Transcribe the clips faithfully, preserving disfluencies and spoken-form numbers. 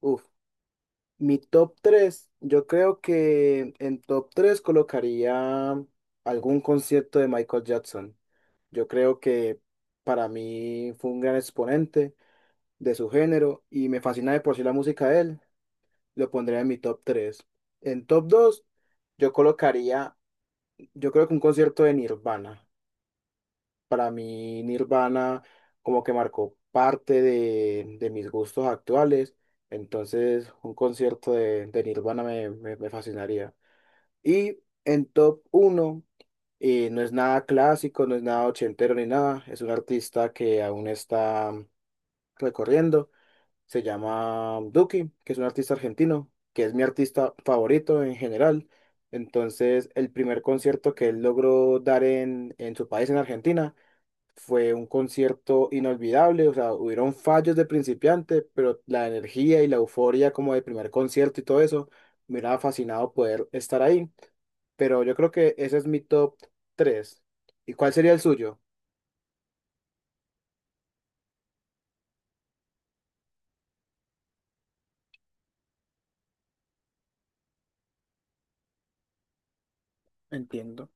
Uf, mi top tres, yo creo que en top tres colocaría algún concierto de Michael Jackson. Yo creo que para mí fue un gran exponente de su género y me fascina de por sí la música de él. Lo pondría en mi top tres. En top dos, yo colocaría, yo creo que un concierto de Nirvana. Para mí, Nirvana como que marcó parte de, de mis gustos actuales. Entonces, un concierto de, de Nirvana me, me- me fascinaría. Y en top uno, no es nada clásico, no es nada ochentero ni nada. Es un artista que aún está recorriendo. Se llama Duki, que es un artista argentino, que es mi artista favorito en general. Entonces, el primer concierto que él logró dar en, en su país, en Argentina, fue un concierto inolvidable, o sea, hubieron fallos de principiante, pero la energía y la euforia como del primer concierto y todo eso, me hubiera fascinado poder estar ahí. Pero yo creo que ese es mi top tres. ¿Y cuál sería el suyo? Entiendo.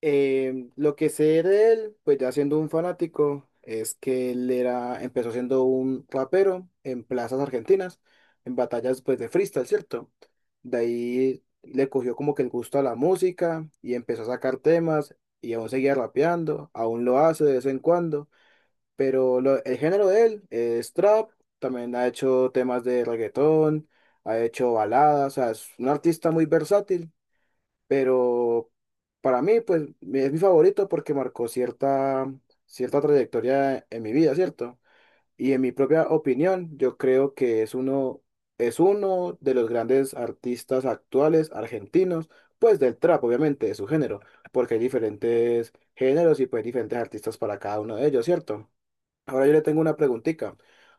Eh, lo que sé de él, pues ya siendo un fanático, es que él era, empezó siendo un rapero en plazas argentinas, en batallas pues de freestyle, ¿cierto? De ahí le cogió como que el gusto a la música y empezó a sacar temas y aún seguía rapeando, aún lo hace de vez en cuando, pero lo- el género de él es trap, también ha hecho temas de reggaetón, ha hecho baladas, o sea, es un artista muy versátil pero para mí, pues mi- es mi favorito porque marcó cierta, cierta trayectoria en mi vida, ¿cierto? Y en mi propia opinión, yo creo que es uno, es uno de los grandes artistas actuales argentinos, pues del trap, obviamente, de su género, porque hay diferentes géneros y pues diferentes artistas para cada uno de ellos, ¿cierto? Ahora yo le tengo una preguntita.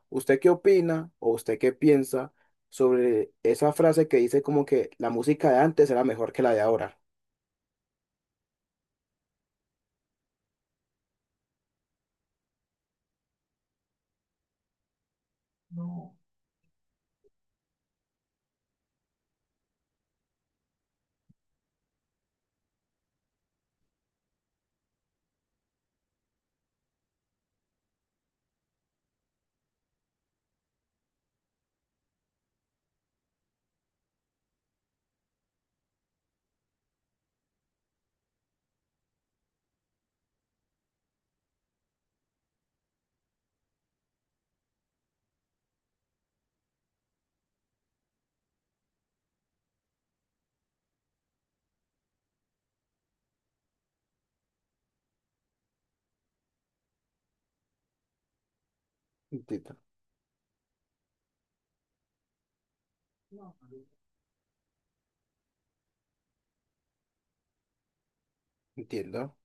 ¿Usted qué opina o usted qué piensa sobre esa frase que dice como que la música de antes era mejor que la de ahora? Entiendo, entiendo,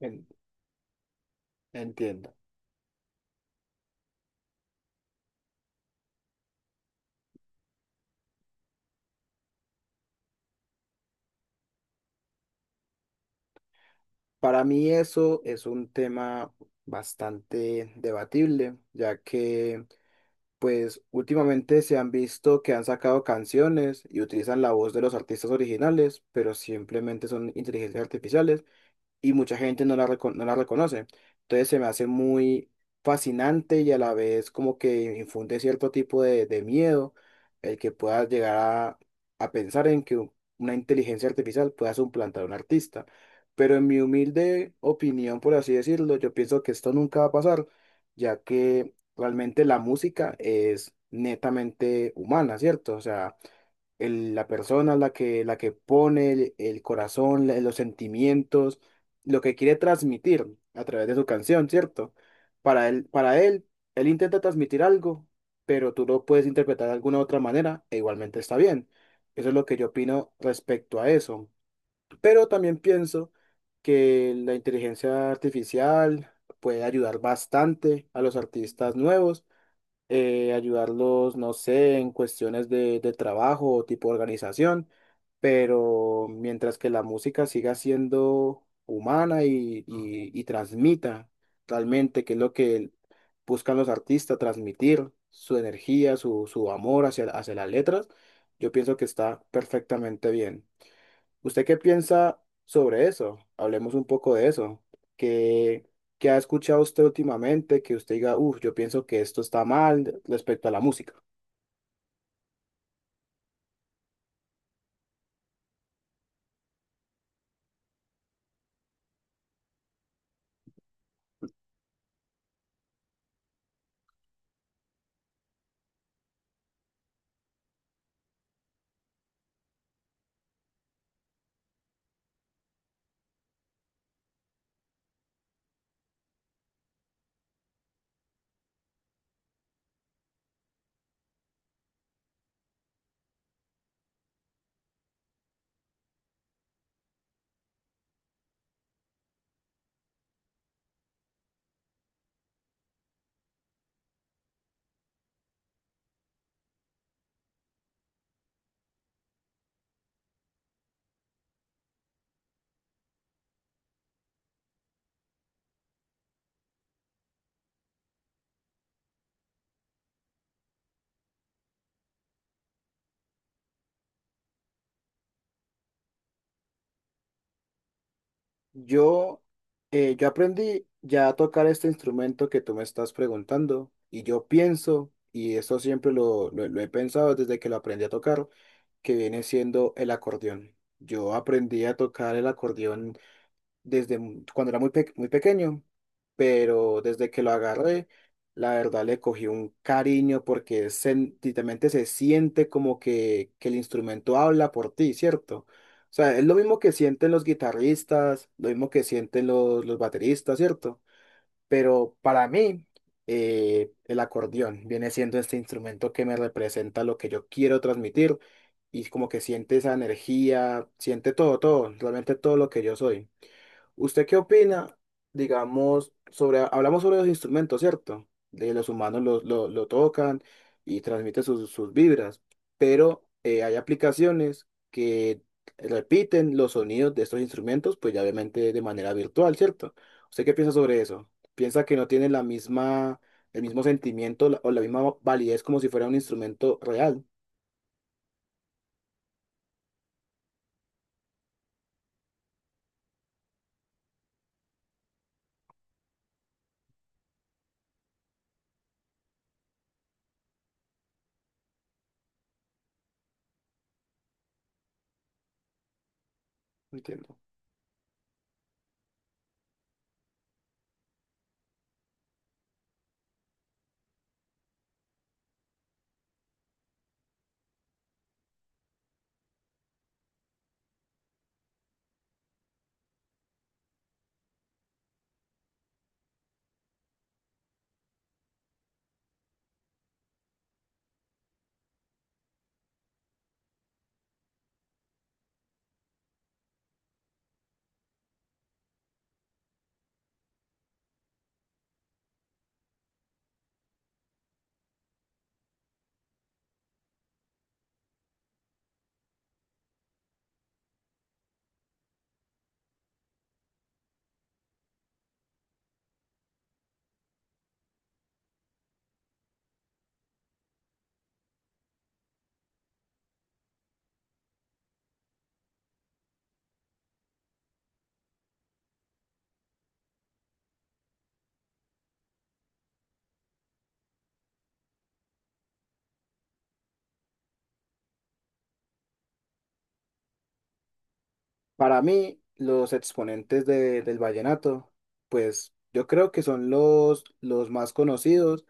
en- entiendo. Para mí eso es un tema bastante debatible, ya que pues últimamente se han visto que han sacado canciones y utilizan la voz de los artistas originales, pero simplemente son inteligencias artificiales. Y mucha gente no la, reco- no la reconoce. Entonces se me hace muy fascinante y a la vez como que infunde cierto tipo de, de miedo el que puedas llegar a, a pensar en que u- una inteligencia artificial pueda suplantar a un artista. Pero en mi humilde opinión, por así decirlo, yo pienso que esto nunca va a pasar, ya que realmente la música es netamente humana, ¿cierto? O sea, el- la persona, la que, la que pone el, el corazón, la- los sentimientos, lo que quiere transmitir a través de su canción, ¿cierto? Para él, para él, él intenta transmitir algo, pero tú lo puedes interpretar de alguna otra manera e igualmente está bien. Eso es lo que yo opino respecto a eso. Pero también pienso que la inteligencia artificial puede ayudar bastante a los artistas nuevos, eh, ayudarlos, no sé, en cuestiones de, de trabajo o tipo organización, pero mientras que la música siga siendo humana y, y, y transmita realmente qué es lo que buscan los artistas, transmitir su energía, su, su amor hacia, hacia las letras, yo pienso que está perfectamente bien. ¿Usted qué piensa sobre eso? Hablemos un poco de eso. ¿Qué, qué ha escuchado usted últimamente que usted diga, uff, yo pienso que esto está mal respecto a la música? Yo, eh, yo aprendí ya a tocar este instrumento que tú me estás preguntando y yo pienso, y eso siempre lo, lo lo he pensado desde que lo aprendí a tocar, que viene siendo el acordeón. Yo aprendí a tocar el acordeón desde mu- cuando era muy, pe- muy pequeño, pero desde que lo agarré, la verdad le cogí un cariño porque sen- literalmente se siente como que, que el instrumento habla por ti, ¿cierto? O sea, es lo mismo que sienten los guitarristas, lo mismo que sienten los, los bateristas, ¿cierto? Pero para mí, eh, el acordeón viene siendo este instrumento que me representa lo que yo quiero transmitir y como que siente esa energía, siente todo, todo, realmente todo lo que yo soy. ¿Usted qué opina, digamos, sobre, hablamos sobre los instrumentos, ¿cierto? De los humanos lo, lo- lo tocan y transmiten sus, sus vibras, pero eh, hay aplicaciones que repiten los sonidos de estos instrumentos, pues ya obviamente de manera virtual, ¿cierto? ¿Usted qué piensa sobre eso? ¿Piensa que no tiene la misma, el mismo sentimiento la- o la misma validez como si fuera un instrumento real? No entiendo. Para mí, los exponentes de- del vallenato, pues yo creo que son los, los más conocidos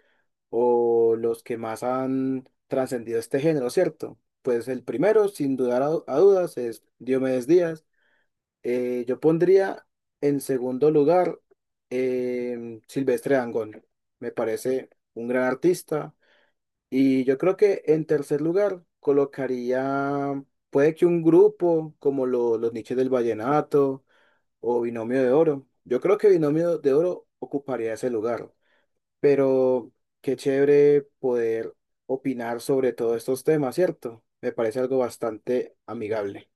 o los que más han trascendido este género, ¿cierto? Pues el primero, sin dudar a, a dudas, es Diomedes Díaz. Eh, yo pondría en segundo lugar em, Silvestre Dangond. Me parece un gran artista. Y yo creo que en tercer lugar colocaría, puede que un grupo como lo- los Niches del Vallenato o Binomio de Oro. Yo creo que Binomio de Oro ocuparía ese lugar, pero qué chévere poder opinar sobre todos estos temas, ¿cierto? Me parece algo bastante amigable.